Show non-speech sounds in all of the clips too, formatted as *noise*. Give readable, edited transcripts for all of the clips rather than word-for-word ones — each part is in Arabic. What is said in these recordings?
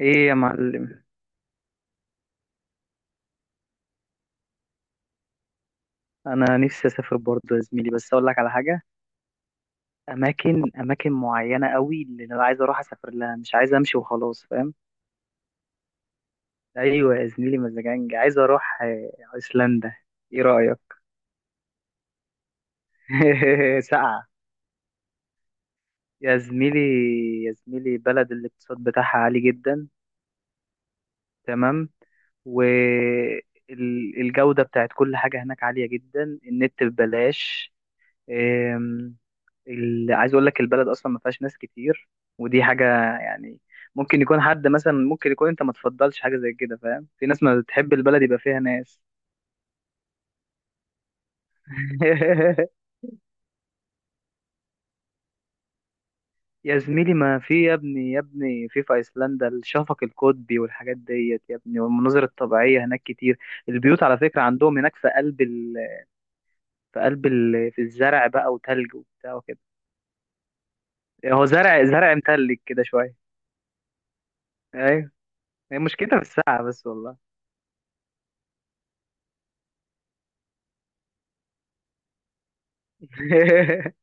ايه يا معلم. انا نفسي اسافر برضه يا زميلي، بس اقول لك على حاجه. اماكن معينه قوي اللي انا عايز اروح اسافر لها، مش عايز امشي وخلاص، فاهم؟ ايوه يا زميلي، مزاجنج. عايز اروح ايسلندا. ايه رايك؟ *laughs* ساقعه. يا زميلي، يا زميلي بلد الاقتصاد بتاعها عالي جدا. تمام. والجودة بتاعت كل حاجة هناك عالية جدا، النت ببلاش. آم، عايز اقول لك البلد اصلا ما فيهاش ناس كتير، ودي حاجه يعني. ممكن يكون حد مثلا، ممكن يكون انت ما تفضلش حاجه زي كده، فاهم؟ في ناس ما بتحب البلد يبقى فيها ناس. *laughs* يا زميلي ما في، يا ابني يا ابني، في ايسلندا الشفق القطبي والحاجات ديت يا ابني، والمناظر الطبيعيه هناك كتير. البيوت على فكره عندهم هناك في قلب في قلب في الزرع بقى وتلج وبتاع وكده. هو زرع متلج كده شويه. ايوه. هي مشكلتها في الساعه بس والله. *laughs*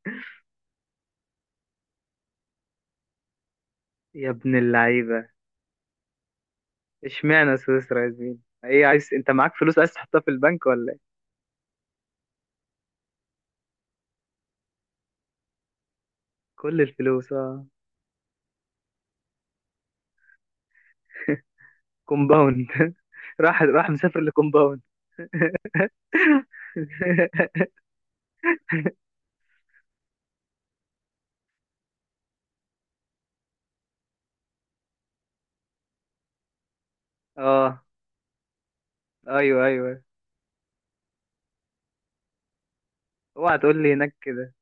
يا ابن اللعيبة. اشمعنى سويسرا يا زميلي؟ ايه، عايز انت معاك فلوس عايز تحطها في البنك ولا ايه؟ كل الفلوس اه. كومباوند. *laughs* راح مسافر لكومباوند. *laughs* اه، ايوه ايوه. اوعى تقول لي هناك كده.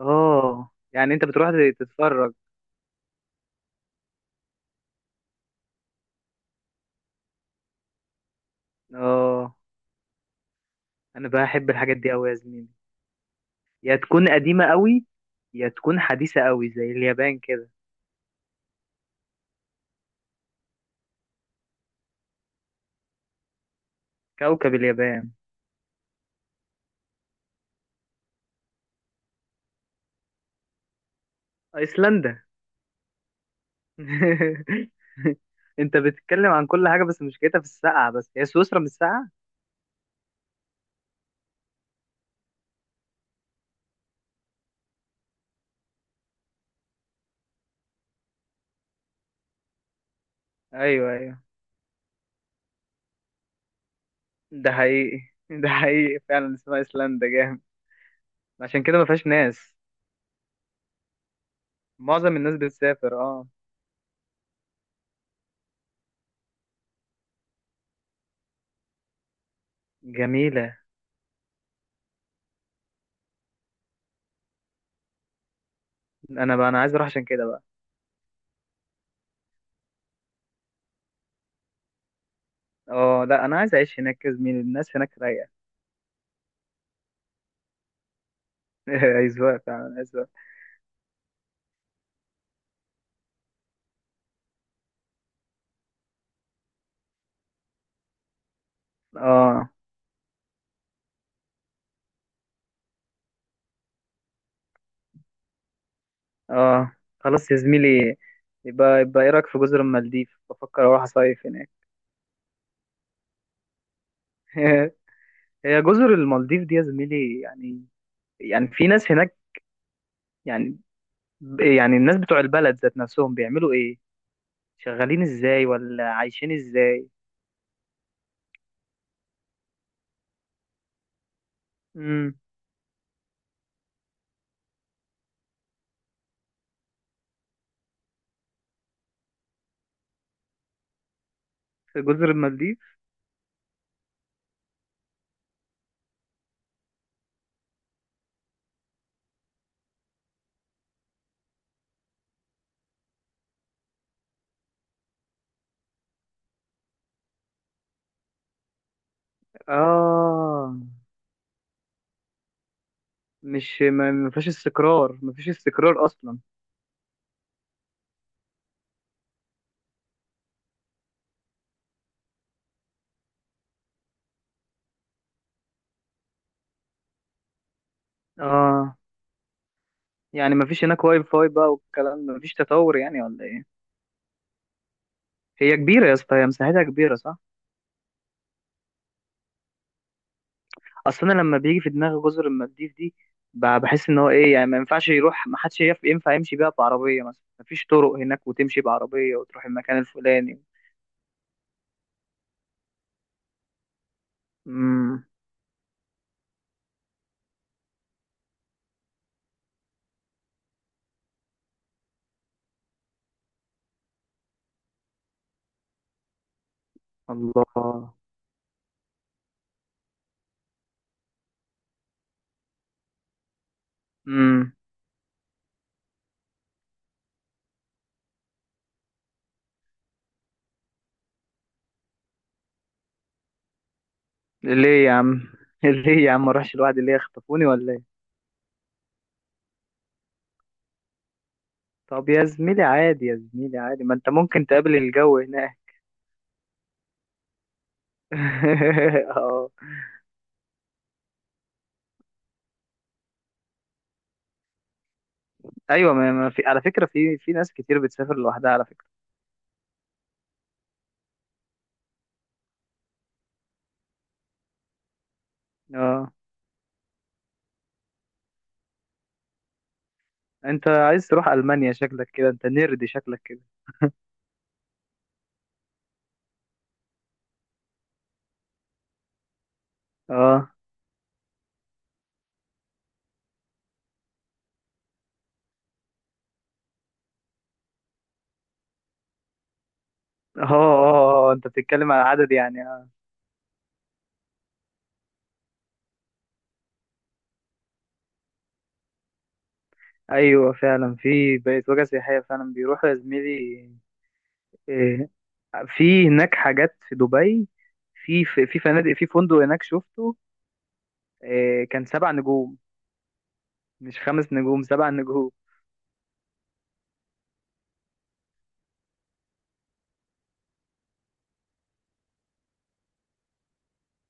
اه يعني انت بتروح تتفرج. اه انا بحب الحاجات دي قوي يا زميلي. يا تكون قديمة قوي، يا تكون حديثة قوي زي اليابان كده. كوكب اليابان. ايسلندا. *laughs* انت بتتكلم عن كل حاجة، بس مشكلتها في السقعة بس، هي سويسرا مش ساقعة. ايوه ايوه. ده حقيقي. *laughs* ده حقيقي فعلا اسمها ايسلندا، جامد. عشان كده ما فيهاش ناس. معظم الناس بتسافر اه. جميلة. انا بقى، انا عايز اروح عشان كده بقى. اه لا، انا عايز اعيش هناك يا زميلي، الناس هناك رايقة. *laughs* ايزواق فعلا ايزواق. اه اه. خلاص يا زميلي. يبقى ايه رايك في جزر المالديف؟ بفكر اروح اصيف هناك. *laughs* هي جزر المالديف دي يا زميلي، يعني، يعني في ناس هناك؟ يعني، يعني الناس بتوع البلد ذات نفسهم بيعملوا ايه؟ شغالين ازاي ولا عايشين ازاي؟ امم. في جزر المالديف. اه، مش ما فيش استقرار، ما فيش استقرار اصلا. اه، يعني ما فيش هناك واي فاي بقى والكلام ده؟ ما فيش تطور يعني ولا ايه؟ هي كبيرة يا اسطى، هي مساحتها كبيرة صح؟ اصلا لما بيجي في دماغي جزر المالديف دي، بحس ان هو ايه يعني، ما ينفعش يروح، ما حدش ينفع يمشي بيها بعربية مثلا، ما فيش طرق هناك وتمشي بعربية وتروح المكان الفلاني. امم. الله. امم. ليه يا عم؟ *laughs* ليه يا عم ما اروحش لوحدي؟ ليه يخطفوني ولا ايه؟ طب يا زميلي عادي، يا زميلي عادي ما انت ممكن تقابل الجو هناك. *laughs* اه. ايوه، ما في على فكره، في ناس كتير بتسافر لوحدها على فكره. اه انت عايز تروح المانيا شكلك كده، انت نيرد شكلك كده. اه اه اه انت بتتكلم على عدد يعني اه. ايوه فعلا، في بقت وجهه سياحيه فعلا، بيروحوا يا زميلي. إيه، في هناك حاجات في دبي. في فنادق، في فندق هناك شفته كان 7 نجوم. مش 5 نجوم، 7 نجوم.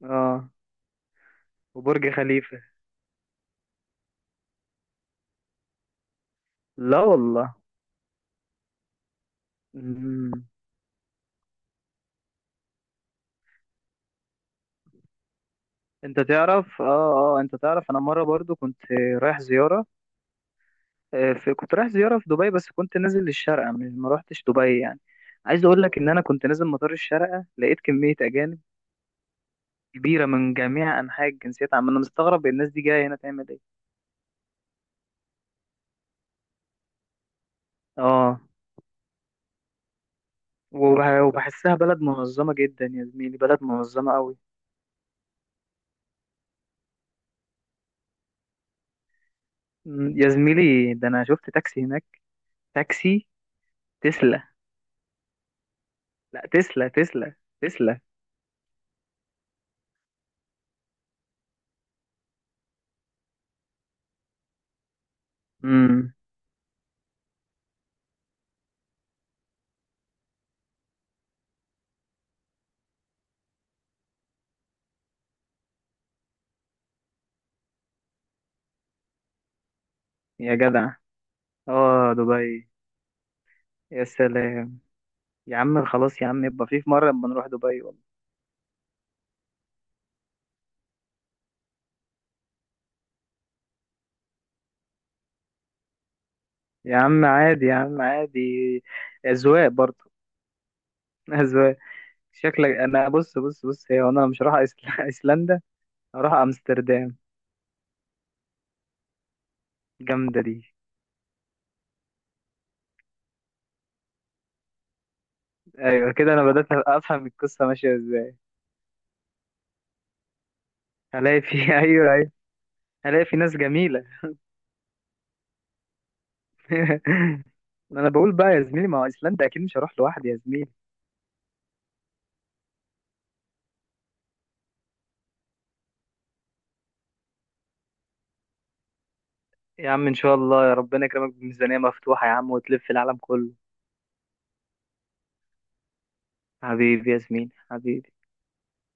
اه، وبرج خليفة. لا والله. مم. انت تعرف اه. اه انت تعرف، انا مرة برضو كنت رايح زيارة. في كنت رايح زيارة في دبي، بس كنت نازل للشارقة، مش ما روحتش دبي يعني. عايز اقول لك ان انا كنت نازل مطار الشارقة، لقيت كمية اجانب كبيرة من جميع انحاء الجنسيات. عم انا مستغرب الناس دي جاية هنا تعمل ايه. اه، وبحسها بلد منظمة جدا يا زميلي، بلد منظمة قوي. مم، يا زميلي ده أنا شفت تاكسي هناك. تاكسي تسلا. لا تسلا، تسلا، تسلا. امم. يا جدع. اه دبي. يا سلام. يا عم خلاص يا عم، يبقى في، في مرة لما نروح دبي والله. يا عم عادي يا عم عادي، أذواق برضه. *laughs* أذواق. شكلك أنا، بص بص بص، هي أنا مش رايح أيسلندا. هروح أمستردام. جامدة دي. أيوة كده، أنا بدأت أفهم القصة ماشية إزاي. هلاقي في *laughs* ايوه. هلاقي في ناس جميلة. *laughs* انا بقول بقى يا زميلي، ما هو ايسلندا اكيد مش هروح لوحدي يا زميلي. يا عم ان شاء الله، يا ربنا يكرمك بميزانية مفتوحة يا عم وتلف العالم كله. حبيبي يا زميلي حبيبي.